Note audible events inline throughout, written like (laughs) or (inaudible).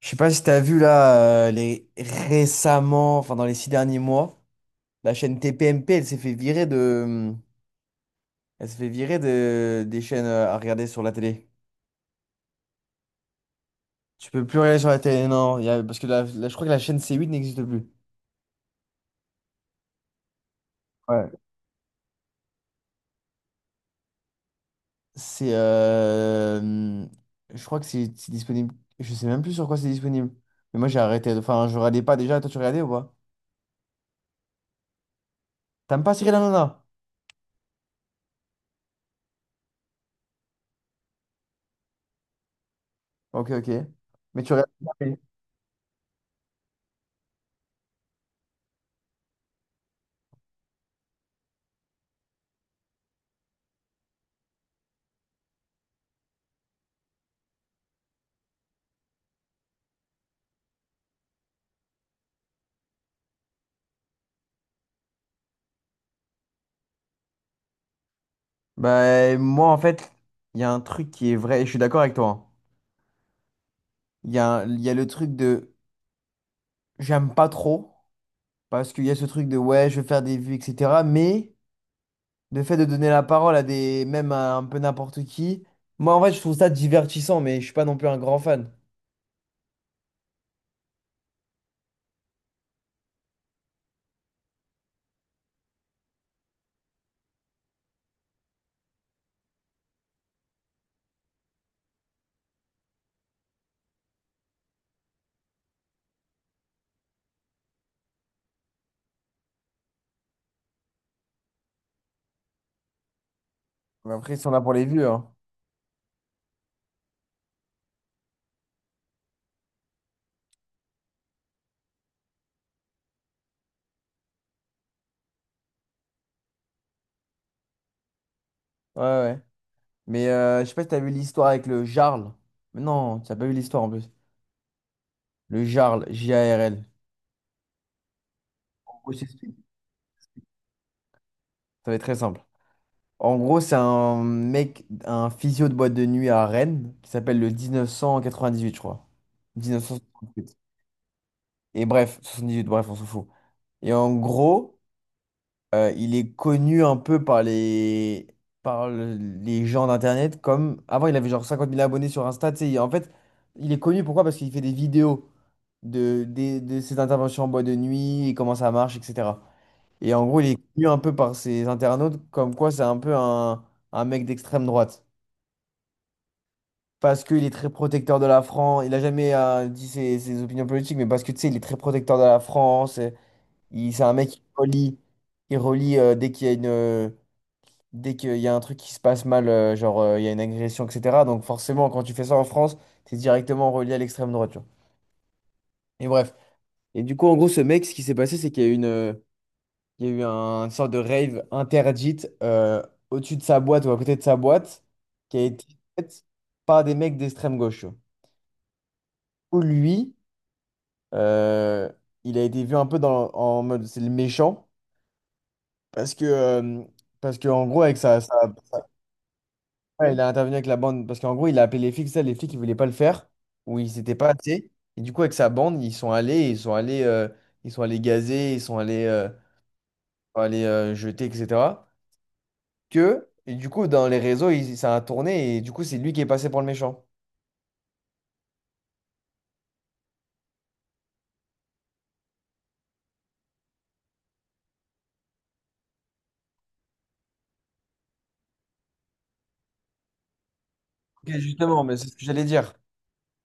Je sais pas si t'as vu là les récemment, enfin dans les 6 derniers mois, la chaîne TPMP, elle s'est fait virer elle s'est fait virer de des chaînes à regarder sur la télé. Tu peux plus regarder sur la télé, non, parce que je crois que la chaîne C8 n'existe plus. Ouais. C'est, euh, hmm, je crois que c'est disponible. Je sais même plus sur quoi c'est disponible. Mais moi j'ai arrêté. Enfin, je regardais pas déjà. Toi tu regardais ou pas? T'aimes pas Cyril Hanouna? Ok, ok. Mais tu regardes. Bah, moi, en fait, il y a un truc qui est vrai, et je suis d'accord avec toi, hein. Il y a, il y a le truc de j'aime pas trop, parce qu'il y a ce truc de ouais, je veux faire des vues, etc. Mais le fait de donner la parole à des, même à un peu n'importe qui, moi, en fait, je trouve ça divertissant, mais je suis pas non plus un grand fan. Mais après, si on a pour les vues, hein. Ouais, ouais. Je sais pas si t'as vu l'histoire avec le Jarl. Mais non, t'as pas vu l'histoire en plus. Le Jarl, J-A-R-L. Ça va être très simple. En gros, c'est un mec, un physio de boîte de nuit à Rennes, qui s'appelle le 1998, je crois. 1978. Et bref, 78, bref, on s'en fout. Et en gros, il est connu un peu par les, les gens d'Internet comme... Avant, il avait genre 50 000 abonnés sur Insta, tu sais. En fait, il est connu, pourquoi? Parce qu'il fait des vidéos de, de ses interventions en boîte de nuit, et comment ça marche, etc. Et en gros, il est connu un peu par ses internautes comme quoi c'est un peu un mec d'extrême droite, parce qu'il est très protecteur de la France. Il a jamais dit ses opinions politiques, mais parce que tu sais, il est très protecteur de la France. Et il, c'est un mec qui relie, il relie dès qu'il y a une, dès qu'il y a un truc qui se passe mal, genre il y a une agression, etc. Donc forcément, quand tu fais ça en France, t'es directement relié à l'extrême droite, tu vois. Et bref. Et du coup, en gros, ce mec, ce qui s'est passé, c'est qu'il y a eu une, il y a eu un- une sorte de rave interdite au-dessus de sa boîte ou à côté de sa boîte qui a été faite par des mecs d'extrême gauche, tu vois. Ou lui. Euh, il a été vu un peu dans, en mode c'est le méchant parce que euh, parce que en gros avec ouais, il a intervenu avec la bande parce qu'en gros il a appelé les flics, ça les flics ils voulaient pas le faire ou ils s'étaient pas assez, et du coup avec sa bande ils sont allés gazer, ils sont allés allés jeter, etc., que et du coup dans les réseaux il, ça a tourné et du coup c'est lui qui est passé pour le méchant. Ok, justement mais c'est ce que j'allais dire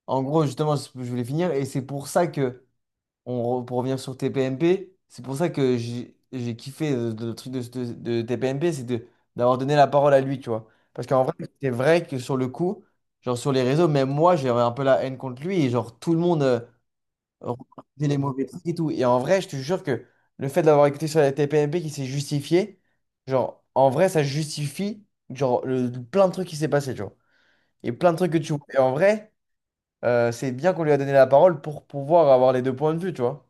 en gros, justement c'est ce que je voulais finir et c'est pour ça que pour revenir sur TPMP, c'est pour ça que j'ai kiffé le truc de TPMP, c'est de d'avoir donné la parole à lui, tu vois. Parce qu'en vrai, c'est vrai que sur le coup, genre sur les réseaux, même moi, j'avais un peu la haine contre lui, et genre tout le monde reprochait les mauvais trucs et tout. Et en vrai, je te jure que le fait d'avoir écouté sur la TPMP qui s'est justifié, genre en vrai, ça justifie genre le, plein de trucs qui s'est passé, tu vois. Et plein de trucs que tu vois. Et en vrai, c'est bien qu'on lui a donné la parole pour pouvoir avoir les deux points de vue, tu vois.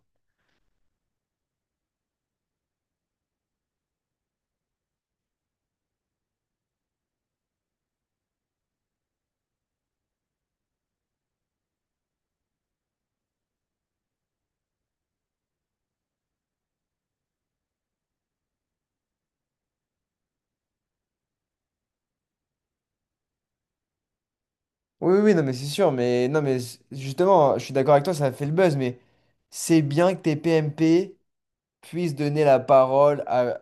Oui, oui, oui, non, mais c'est sûr, mais non, mais justement, je suis d'accord avec toi, ça a fait le buzz, mais c'est bien que tes PMP puissent donner la parole à,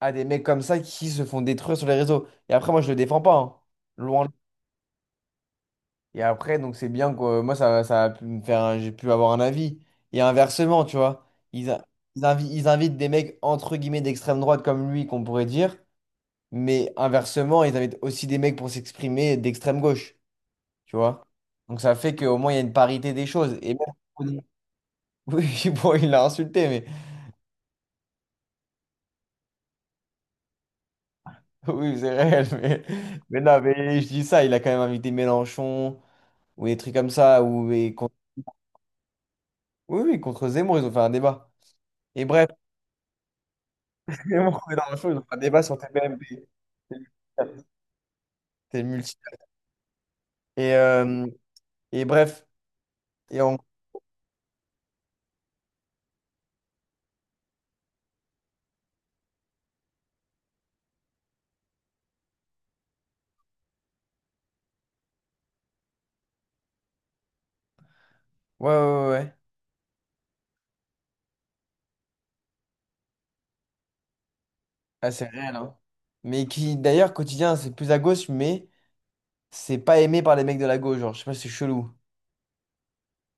à des mecs comme ça qui se font détruire sur les réseaux. Et après, moi, je le défends pas, hein. Loin. Et après, donc c'est bien que moi, ça a pu me faire, j'ai pu avoir un avis. Et inversement, tu vois, ils, a- ils invitent des mecs entre guillemets d'extrême droite comme lui, qu'on pourrait dire, mais inversement, ils invitent aussi des mecs pour s'exprimer d'extrême gauche, tu vois. Donc ça fait qu'au moins il y a une parité des choses. Et même... Oui, (laughs) bon, il l'a insulté, mais (laughs) oui, c'est réel. Mais non, mais je dis ça, il a quand même invité Mélenchon ou des trucs comme ça. Ou... oui, oui, contre Zemmour, ils ont fait un débat. Et bref, (laughs) Zemmour et Mélenchon, ils ont fait un débat sur TPMP. C'est multi. Et, euh, et bref, et on... ouais, ouais, ouais. Ouais. Ah, c'est réel, hein. Mais qui, d'ailleurs, quotidien, c'est plus à gauche, mais c'est pas aimé par les mecs de la gauche. Genre, je sais pas, si c'est chelou.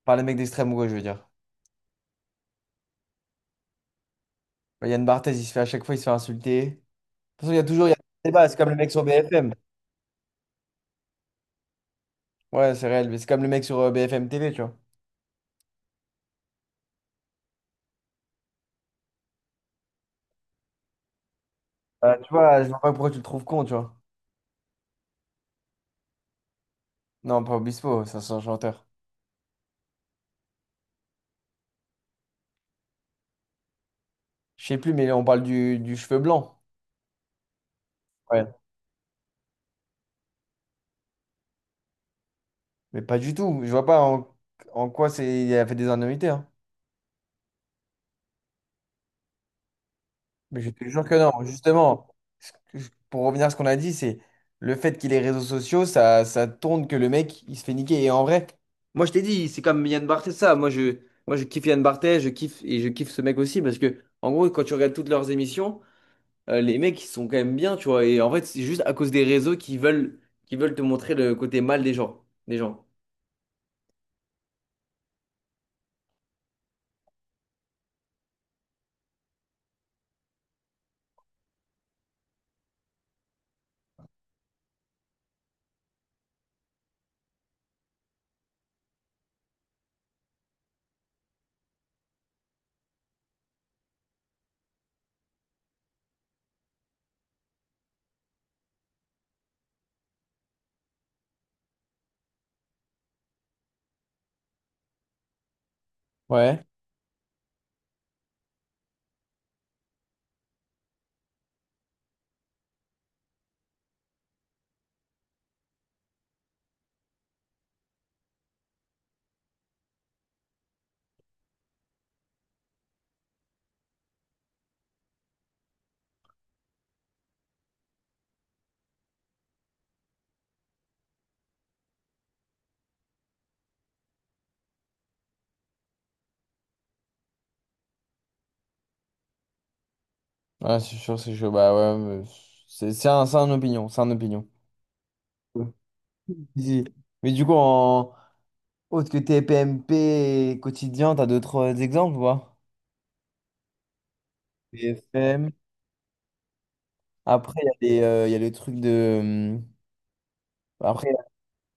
Par les mecs d'extrême gauche, je veux dire. Bah, Yann Barthès, il se fait à chaque fois, il se fait insulter. De toute façon, il y a toujours il y a un débat. C'est comme le mec sur BFM. Ouais, c'est réel, mais c'est comme le mec sur BFM TV, tu vois. Tu vois, je vois pas pourquoi tu le trouves con, tu vois. Non, pas Obispo, ça c'est un chanteur. Je sais plus, mais on parle du cheveu blanc. Ouais. Mais pas du tout. Je vois pas en quoi c'est il a fait des anomalies. Mais je te jure que non. Justement, ce que pour revenir à ce qu'on a dit, c'est le fait qu'il ait réseaux sociaux, ça tourne que le mec, il se fait niquer. Et en vrai, moi je t'ai dit, c'est comme Yann Barthès, ça. Moi je kiffe Yann Barthès, je kiffe et je kiffe ce mec aussi parce que, en gros, quand tu regardes toutes leurs émissions, les mecs, ils sont quand même bien, tu vois. Et en fait, c'est juste à cause des réseaux qui veulent te montrer le côté mal des gens, des gens. Ouais, ouais, c'est sûr, c'est sûr. Bah ouais, mais c'est un, c'est un opinion, c'est un opinion. Ouais. Si, si. Mais du coup, en, autre que TPMP quotidien, t'as d'autres exemples, ou pas? TFM. Après, il y a les, il y a le truc de. hum, Après,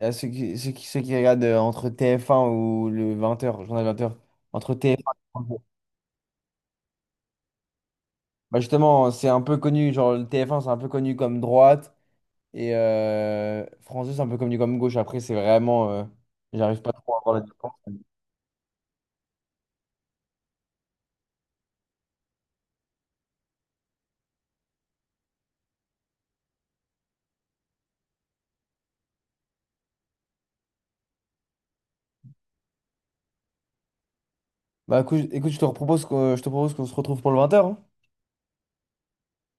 il y a ceux qui regardent entre TF1 ou le 20h, journal 20h. Entre TF1 et 30. Bah justement, c'est un peu connu. Genre, le TF1, c'est un peu connu comme droite. Et France 2, c'est un peu connu comme gauche. Après, c'est vraiment. J'arrive pas trop à voir la différence. Bah écoute, écoute, je te propose que je te propose qu'on se retrouve pour le 20h.